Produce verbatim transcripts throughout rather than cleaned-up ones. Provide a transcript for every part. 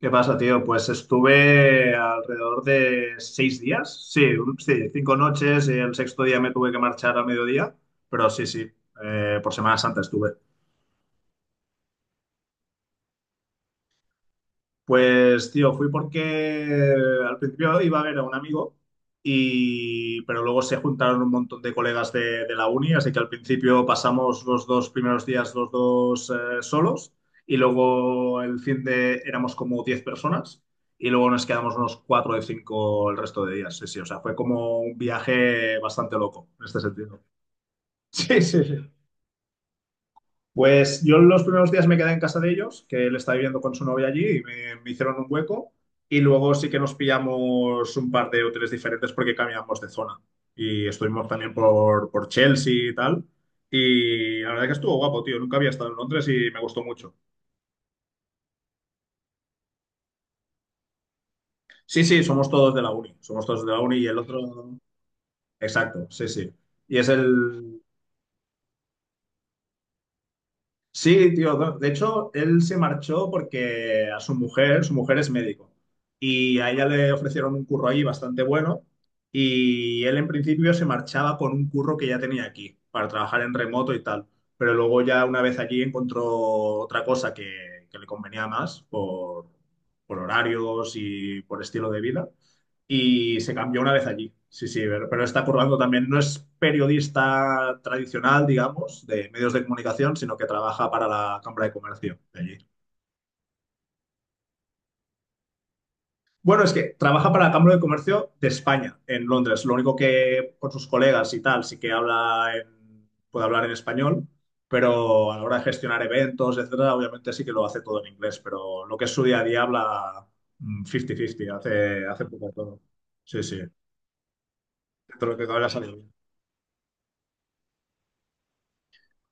¿Qué pasa, tío? Pues estuve alrededor de seis días, sí, un- sí, cinco noches y el sexto día me tuve que marchar a mediodía, pero sí, sí, eh, por Semana Santa estuve. Pues, tío, fui porque al principio iba a ver a un amigo, y, pero luego se juntaron un montón de colegas de, de la uni, así que al principio pasamos los dos primeros días los dos eh, solos y luego el fin de éramos como diez personas y luego nos quedamos unos cuatro de cinco el resto de días. Sí, sí, o sea, fue como un viaje bastante loco en este sentido. Sí, sí, sí. Pues yo los primeros días me quedé en casa de ellos, que él está viviendo con su novia allí y me, me hicieron un hueco. Y luego sí que nos pillamos un par de hoteles diferentes porque cambiamos de zona. Y estuvimos también por, por Chelsea y tal. Y la verdad que estuvo guapo, tío. Nunca había estado en Londres y me gustó mucho. Sí, sí, somos todos de la uni. Somos todos de la uni y el otro. Exacto, sí, sí. Y es el, Sí, tío. do- De hecho, él se marchó porque a su mujer, su mujer es médico. Y a ella le ofrecieron un curro ahí bastante bueno. Y él en principio se marchaba con un curro que ya tenía aquí, para trabajar en remoto y tal. Pero luego ya una vez allí encontró otra cosa que, que le convenía más por, por horarios y por estilo de vida y se cambió una vez allí. Sí, sí, pero, pero está currando también. No es periodista tradicional, digamos, de medios de comunicación, sino que trabaja para la Cámara de Comercio de allí. Bueno, es que trabaja para la Cámara de Comercio de España, en Londres. Lo único que con sus colegas y tal, sí que habla en- puede hablar en español, pero a la hora de gestionar eventos, etcétera, obviamente sí que lo hace todo en inglés, pero lo que es su día a día habla mm, cincuenta cincuenta, hace, hace poco todo. Sí, sí, todo lo que habla sale bien.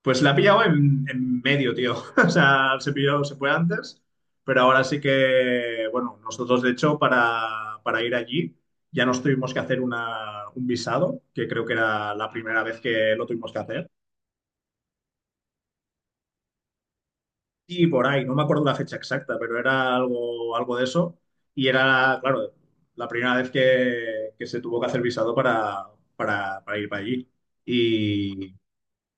Pues la ha pillado en, en medio, tío. O sea, se pilló, se fue antes, pero ahora sí que, bueno, nosotros de hecho para, para ir allí ya nos tuvimos que hacer una, un visado, que creo que era la primera vez que lo tuvimos que hacer. Y por ahí, no me acuerdo la fecha exacta, pero era algo, algo de eso. Y era, claro, la primera vez que, que se tuvo que hacer visado para, para, para ir para allí.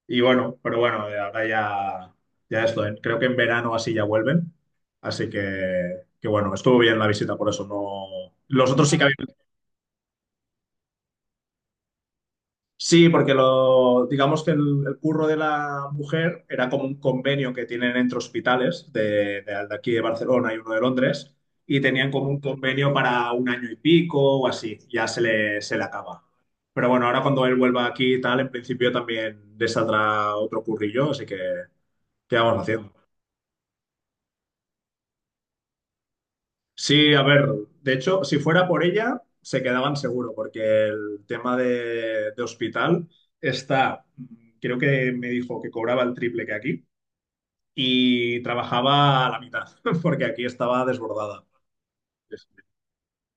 Y bueno, pero bueno, eh, ahora ya, ya esto, ¿eh? Creo que en verano así ya vuelven. Así que, que bueno, estuvo bien la visita, por eso no. Los otros sí que habían. Sí, porque lo, digamos que el, el curro de la mujer era como un convenio que tienen entre hospitales de, de- de aquí de Barcelona y uno de Londres, y tenían como un convenio para un año y pico o así, ya se le, se le acaba. Pero bueno, ahora cuando él vuelva aquí y tal, en principio también le saldrá otro currillo, así que, ¿qué vamos haciendo? Sí, a ver, de hecho, si fuera por ella, se quedaban seguro, porque el tema de, de hospital está, mm, creo que me dijo que cobraba el triple que aquí y trabajaba a la mitad, porque aquí estaba desbordada.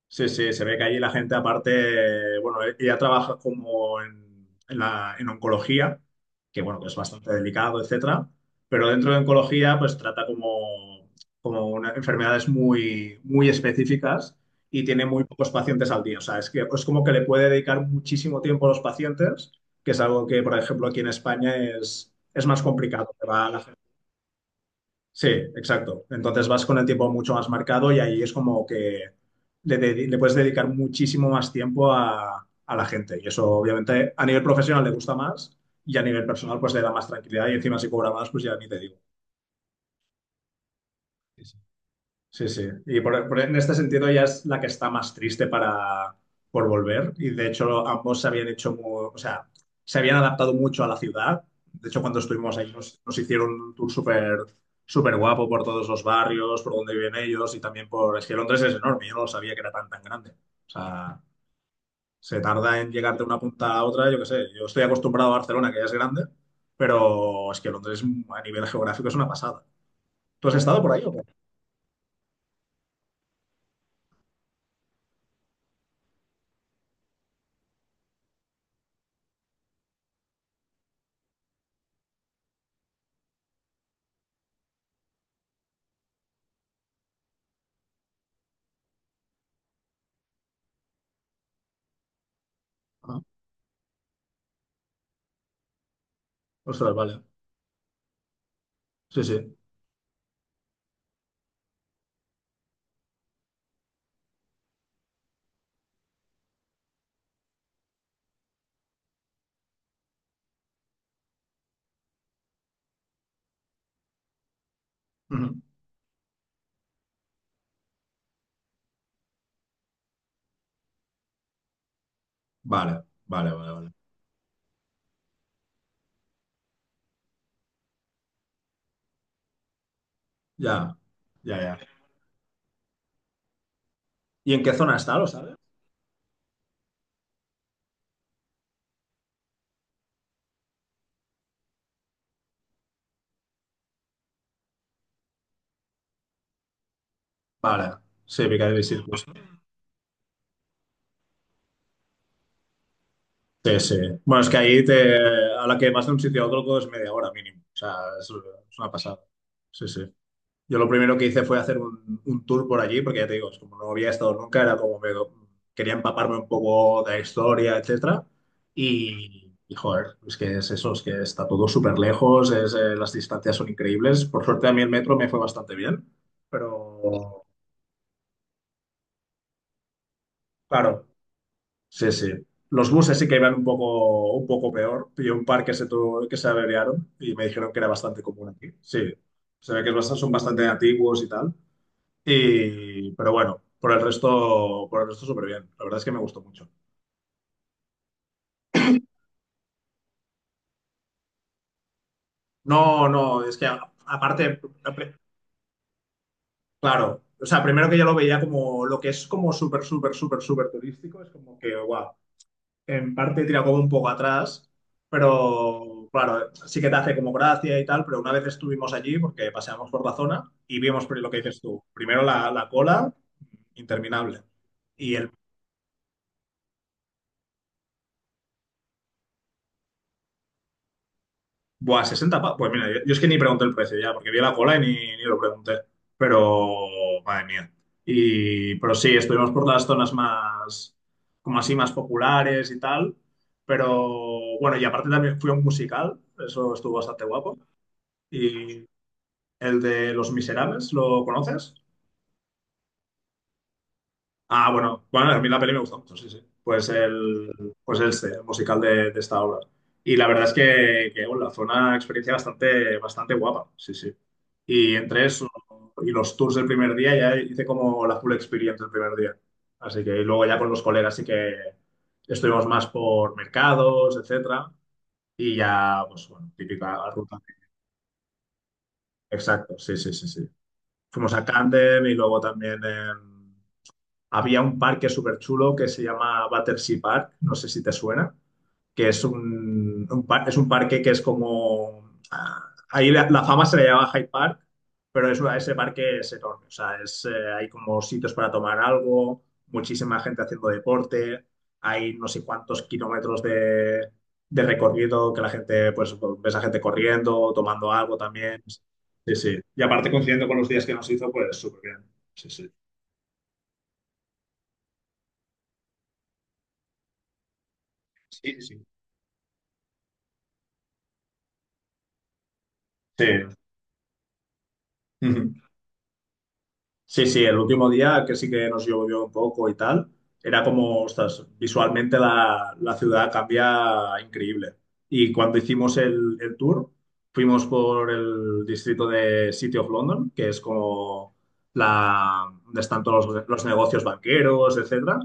Sí, sí, se ve que allí la gente aparte, bueno, ella trabaja como en, en la, en oncología, que bueno, que es bastante delicado, etcétera, pero dentro de oncología pues trata como, como una- enfermedades muy, muy específicas y tiene muy pocos pacientes al día. O sea, es que es como que le puede dedicar muchísimo tiempo a los pacientes, que es algo que, por ejemplo, aquí en España es, es más complicado. Que va la Sí, exacto. Entonces vas con el tiempo mucho más marcado y ahí es como que le, dedi- le puedes dedicar muchísimo más tiempo a, a la gente. Y eso obviamente a nivel profesional le gusta más y a nivel personal pues le da más tranquilidad y encima si cobra más pues ya ni te digo. Sí, sí. Y por- por- en este sentido ella es la que está más triste para, por volver. Y de hecho ambos se habían hecho, mu- o sea, se habían adaptado mucho a la ciudad. De hecho, cuando estuvimos ahí nos, nos hicieron un tour súper súper guapo por todos los barrios, por donde viven ellos y también por... Es que Londres es enorme, yo no sabía que era tan tan grande. O sea, se tarda en llegar de una punta a otra, yo qué sé. Yo estoy acostumbrado a Barcelona, que ya es grande, pero es que Londres a nivel geográfico es una pasada. ¿Tú has estado por ahí o qué? Ah, ostras, vale. Sí, sí. Ujú. Vale, vale, vale, vale. Ya, ya, ya. ¿Y en qué zona está, lo sabes? Vale, sí, Piccadilly Circus. Sí, sí. Bueno, es que ahí te, a la que vas de un sitio a otro todo es media hora mínimo. O sea, es, es una pasada. Sí, sí. Yo lo primero que hice fue hacer un, un tour por allí, porque ya te digo, es como no había estado nunca, era como me, quería empaparme un poco de la historia, etcétera. Y, y, joder, es que es eso, es que está todo súper lejos, es, eh, las distancias son increíbles. Por suerte a mí el metro me fue bastante bien, pero claro, sí, sí. Los buses sí que iban un poco, un poco peor. Pillé un par que se, tuvo- que se averiaron y me dijeron que era bastante común aquí. Sí, se ve que es bastante- son bastante antiguos y tal. Y, pero bueno, por el resto, por el resto súper bien. La verdad es que me gustó mucho. No, no, es que a- aparte, ape- claro, o sea, primero que ya lo veía como lo que es como súper, súper, súper, súper turístico, es como que, guau, en parte tira como un poco atrás, pero claro, sí que te hace como gracia y tal, pero una vez estuvimos allí porque paseamos por la zona y vimos pri- lo que dices tú, primero la, la cola interminable. Y el Buah, sesenta pa- Pues mira, yo, yo es que ni pregunté el precio ya, porque vi la cola y ni, ni lo pregunté. Pero, madre mía. Y, pero sí, estuvimos por las zonas más, como así, más populares y tal. Pero bueno, y aparte también fui a un musical, eso estuvo bastante guapo. Y el de Los Miserables, ¿lo conoces? Ah, bueno, bueno, a mí la peli me gusta mucho, sí, sí. Pues el, pues este, el musical de, de esta obra. Y la verdad es que, que bueno, fue una experiencia bastante, bastante guapa, sí, sí. Y entre eso y los tours del primer día ya hice como la full experience el primer día. Así que y luego ya con los colegas sí que estuvimos más por mercados, etcétera. Y ya, pues bueno, típica ruta. Exacto, sí, sí, sí, sí. Fuimos a Camden y luego también había un parque súper chulo que se llama Battersea Park, no sé si te suena, que es un, un par- es un parque que es como... ah, ahí la, la fama se le llama Hyde Park, pero es, una- ese parque es enorme, o sea, es, eh, hay como sitios para tomar algo, muchísima gente haciendo deporte, hay no sé cuántos kilómetros de, de recorrido que la gente, pues ves a gente corriendo, tomando algo también. Sí, sí. Y aparte coincidiendo con los días que nos hizo, pues súper bien. Sí, sí. Sí, Sí. Sí. Ujú. Sí, sí, el último día que sí que nos llovió un poco y tal, era como, ostras, visualmente la, la ciudad cambia increíble. Y cuando hicimos el, el tour, fuimos por el distrito de City of London, que es como la, donde están todos los, los negocios banqueros, etcétera.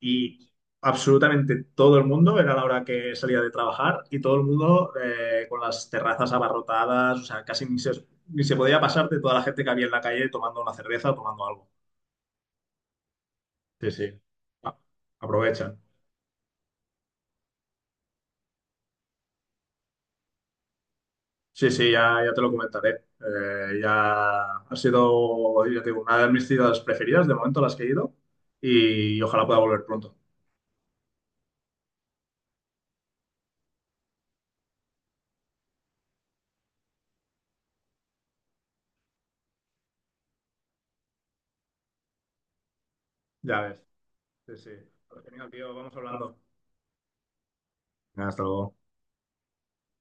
Y absolutamente todo el mundo, era la hora que salía de trabajar, y todo el mundo eh, con las terrazas abarrotadas, o sea, casi ni se ni se podía pasarte toda la gente que había en la calle tomando una cerveza o tomando algo. Sí, sí. Ah, Aprovechan. Sí, sí, ya, ya te lo comentaré. Eh, ya ha sido, ya te digo, una de mis ciudades preferidas de momento a las que he ido y, ojalá pueda volver pronto. Ya ves. Sí, sí. Pues genial, tío, vamos hablando. Hasta luego.